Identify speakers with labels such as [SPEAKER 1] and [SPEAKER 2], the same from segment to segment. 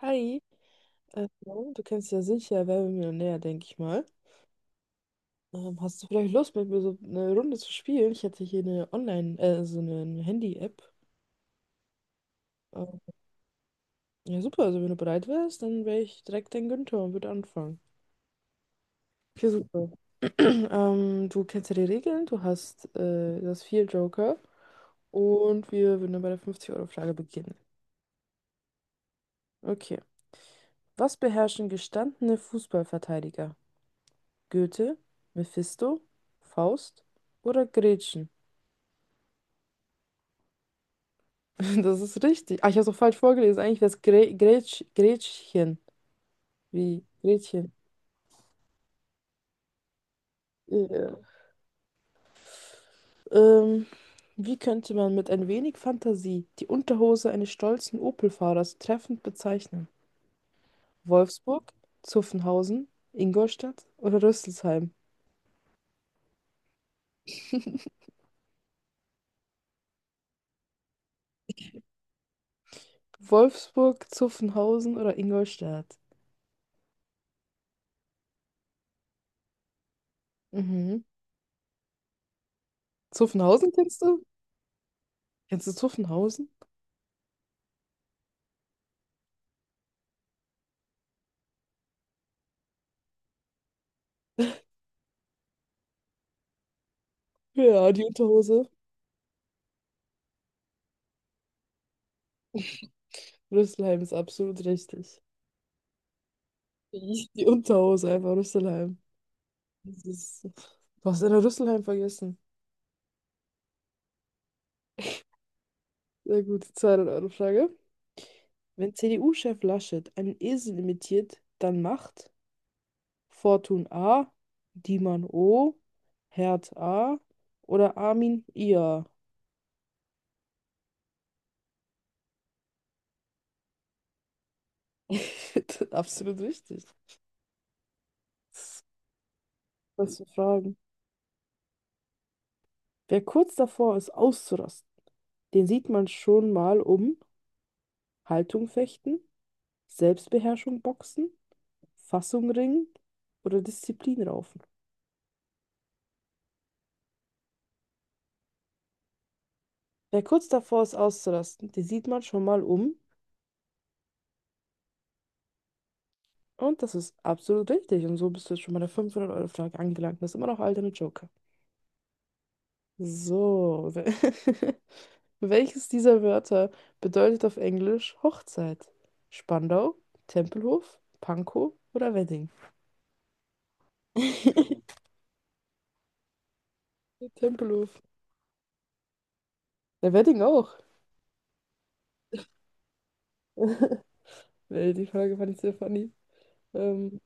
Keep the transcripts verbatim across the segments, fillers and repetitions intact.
[SPEAKER 1] Hi, also, du kennst ja sicher Wer wird Millionär, denke ich mal. Ähm, hast du vielleicht Lust, mit mir so eine Runde zu spielen? Ich hätte hier eine Online, äh, so eine Handy-App. Ähm, ja, super, also wenn du bereit wärst, dann wäre ich direkt dein Günther und würde anfangen. Okay, super. Ähm, du kennst ja die Regeln, du hast, äh, du hast vier Joker und wir würden dann bei der fünfzig euro frage beginnen. Okay. Was beherrschen gestandene Fußballverteidiger? Goethe, Mephisto, Faust oder Gretchen? Das ist richtig. Ah, ich habe es auch falsch vorgelesen. Eigentlich wäre es Grä Grätsch Gretchen. Wie? Gretchen. Ja. Ähm, wie könnte man mit ein wenig Fantasie die Unterhose eines stolzen Opel-Fahrers treffend bezeichnen? Wolfsburg, Zuffenhausen, Ingolstadt oder Rüsselsheim? Wolfsburg, Zuffenhausen oder Ingolstadt? Mhm. Zuffenhausen kennst du? Kennst du Zuffenhausen? Ja, die Unterhose. Rüsselheim ist absolut richtig. Die Unterhose, einfach Rüsselheim. Das ist, du hast Anna Rüsselheim vergessen. Sehr gut, die Euro Frage. Wenn C D U-Chef Laschet einen Esel imitiert, dann macht Fortun A, Dieman O, Herd A oder Armin I A. Absolut richtig. Was für Fragen. Wer kurz davor ist, auszurasten, den sieht man schon mal um Haltung fechten, Selbstbeherrschung boxen, Fassung ringen oder Disziplin raufen. Wer kurz davor ist auszurasten, den sieht man schon mal um. Und das ist absolut richtig. Und so bist du jetzt schon bei der fünfhundert-Euro-Frage angelangt. Das ist immer noch alter Joker. So. we- Welches dieser Wörter bedeutet auf Englisch Hochzeit? Spandau, Tempelhof, Pankow oder Wedding? Tempelhof. Der Wedding auch. Nee, die Frage fand ich sehr funny. Ähm,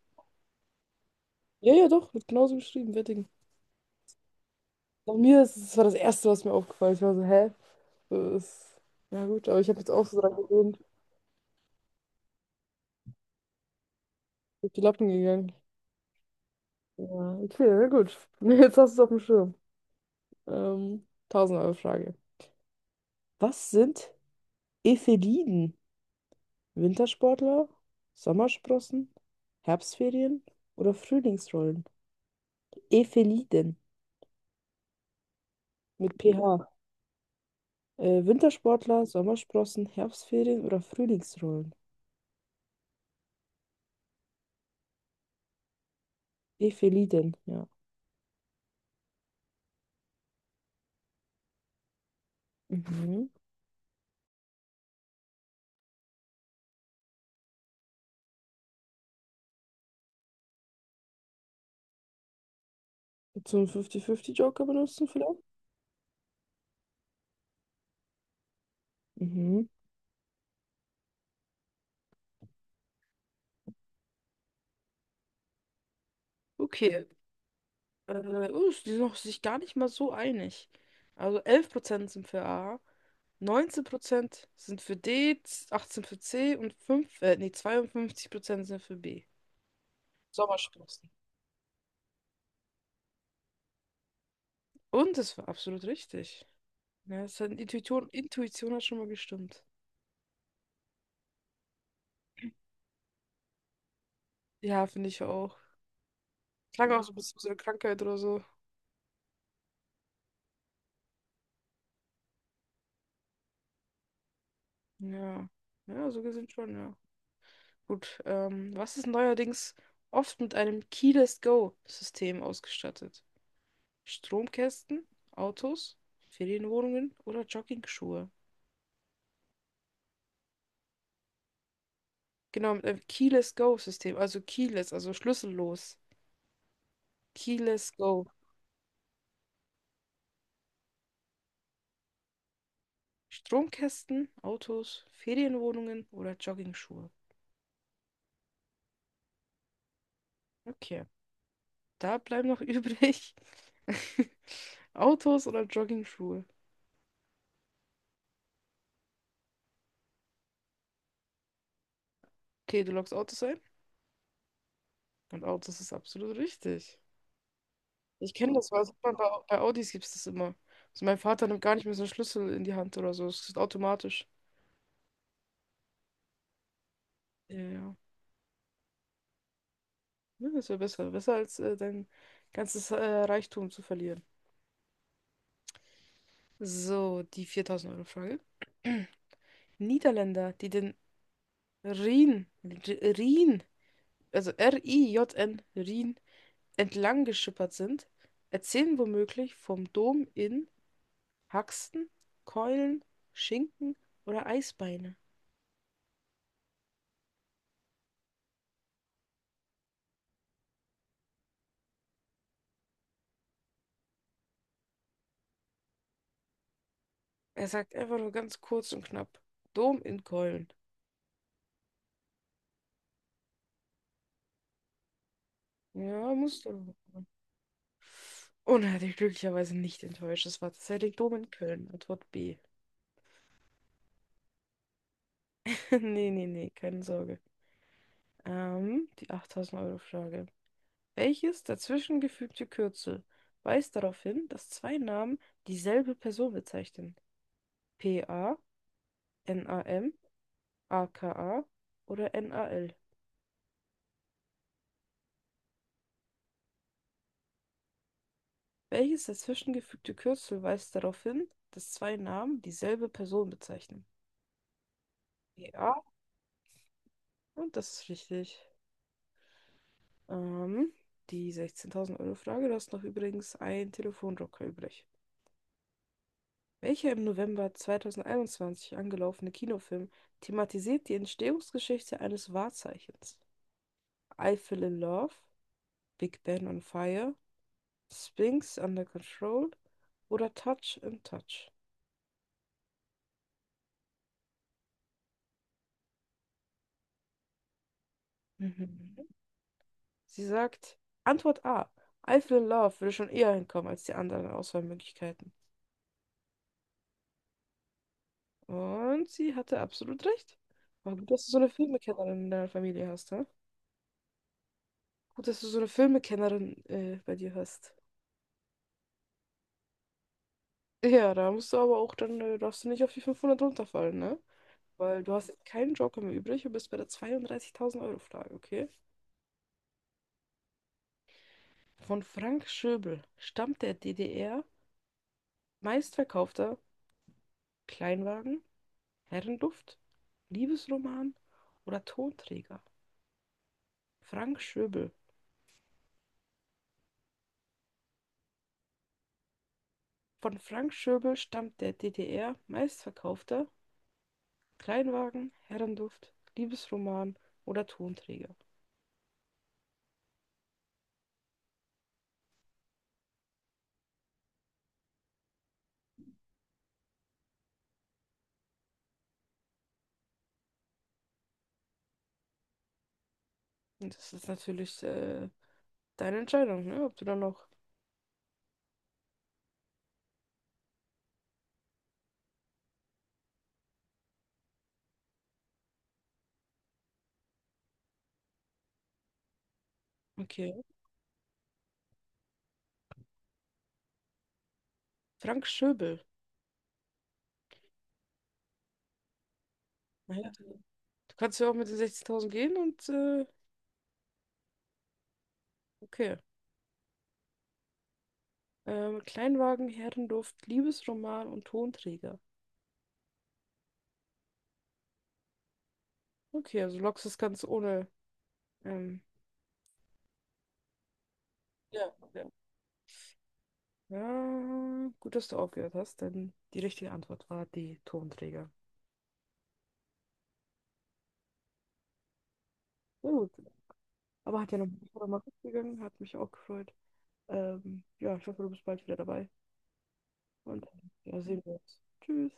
[SPEAKER 1] ja, ja, doch, wird genauso geschrieben, Wedding. Bei mir ist es, das war das Erste, was mir aufgefallen ist. Ich war so, hä? So, das ist, ja gut, aber ich habe jetzt auch so dran gewöhnt, durch die Lappen gegangen. Ja, okay, na gut. Jetzt hast du es auf dem Schirm. Ähm, tausend-Euro-Frage. Was sind Epheliden? Wintersportler, Sommersprossen, Herbstferien oder Frühlingsrollen? Epheliden mit P H. Äh, Wintersportler, Sommersprossen, Herbstferien oder Frühlingsrollen? Epheliden, ja. Mhm. Zum fünfzig fünfzig-Joker benutzen vielleicht? Mhm. Okay. Äh, oh, die sind noch sich gar nicht mal so einig. Also elf Prozent sind für A, neunzehn Prozent sind für D, achtzehn Prozent für C und fünf, äh, nee, zweiundfünfzig Prozent sind für B. Sommersprossen. Und das war absolut richtig. Ja, das hat, Intuition, Intuition hat schon mal gestimmt. Ja, finde ich auch. Klang auch so ein bisschen so eine Krankheit oder so. Ja. Ja, so gesehen schon, ja. Gut, ähm, was ist neuerdings oft mit einem Keyless Go-System ausgestattet? Stromkästen, Autos, Ferienwohnungen oder Joggingschuhe. Genau, mit einem Keyless Go-System, also keyless, also schlüssellos. Keyless Go. Stromkästen, Autos, Ferienwohnungen oder Joggingschuhe. Okay, da bleiben noch übrig Autos oder Joggingschuhe. Okay, du loggst Autos ein und Autos ist absolut richtig. Ich kenne das, weil das hat man bei, bei Audis gibt es das immer. Also mein Vater nimmt gar nicht mehr so einen Schlüssel in die Hand oder so, es ist automatisch. Ja. Ja, das wäre besser. Besser als äh, dein ganzes äh, Reichtum zu verlieren. So, die viertausend-Euro-Frage. Niederländer, die den Rhin, R- Rhin, also R-I-J-N, Rhin, entlang geschippert sind, erzählen womöglich vom Dom in Haxten, Keulen, Schinken oder Eisbeine. Er sagt einfach nur ganz kurz und knapp: Dom in Keulen. Ja, musst du. Und er hat dich glücklicherweise nicht enttäuscht. Es war tatsächlich Dom in Köln, Antwort B. Nee, nee, nee, keine Sorge. Ähm, die achttausend-Euro-Frage. Welches dazwischengefügte Kürzel weist darauf hin, dass zwei Namen dieselbe Person bezeichnen? P A A N A M A K A oder N A L? Welches dazwischengefügte Kürzel weist darauf hin, dass zwei Namen dieselbe Person bezeichnen? P A und das ist richtig. Ähm, die sechzehntausend-Euro-Frage, du hast noch übrigens einen Telefonjoker übrig. Welcher im November zwanzig einundzwanzig angelaufene Kinofilm thematisiert die Entstehungsgeschichte eines Wahrzeichens? I Fell in Love, Big Ben on Fire, Sphinx Under Control oder Touch and Touch? Mhm. Sie sagt, Antwort A. I Fell in Love würde schon eher hinkommen als die anderen Auswahlmöglichkeiten. Und sie hatte absolut recht. War gut, dass du so eine Filmekennerin in deiner Familie hast, hä? Gut, dass du so eine Filmekennerin äh, bei dir hast. Ja, da musst du aber auch dann, äh, darfst du nicht auf die fünfhundert runterfallen, ne? Weil du hast keinen Joker mehr übrig und bist bei der zweiunddreißigtausend Euro Frage, okay? Von Frank Schöbel stammt der D D R meistverkaufter Kleinwagen, Herrenduft, Liebesroman oder Tonträger? Frank Schöbel. Von Frank Schöbel stammt der D D R meistverkaufter Kleinwagen, Herrenduft, Liebesroman oder Tonträger. Und das ist natürlich äh, deine Entscheidung, ne? Ob du dann noch. Okay, Frank Schöbel. Naja, du kannst ja auch mit den sechzehntausend gehen und äh, okay. Ähm, Kleinwagen, Herrenduft, Liebesroman und Tonträger. Okay, also lockst das ganz ohne. Ähm, Ja, ja. Ja, gut, dass du aufgehört hast, denn die richtige Antwort war die Tonträger. Na gut, aber hat ja noch mal gut gegangen, hat mich auch gefreut. Ähm, ja, ich hoffe, du bist bald wieder dabei. Und ja, sehen wir uns. Tschüss.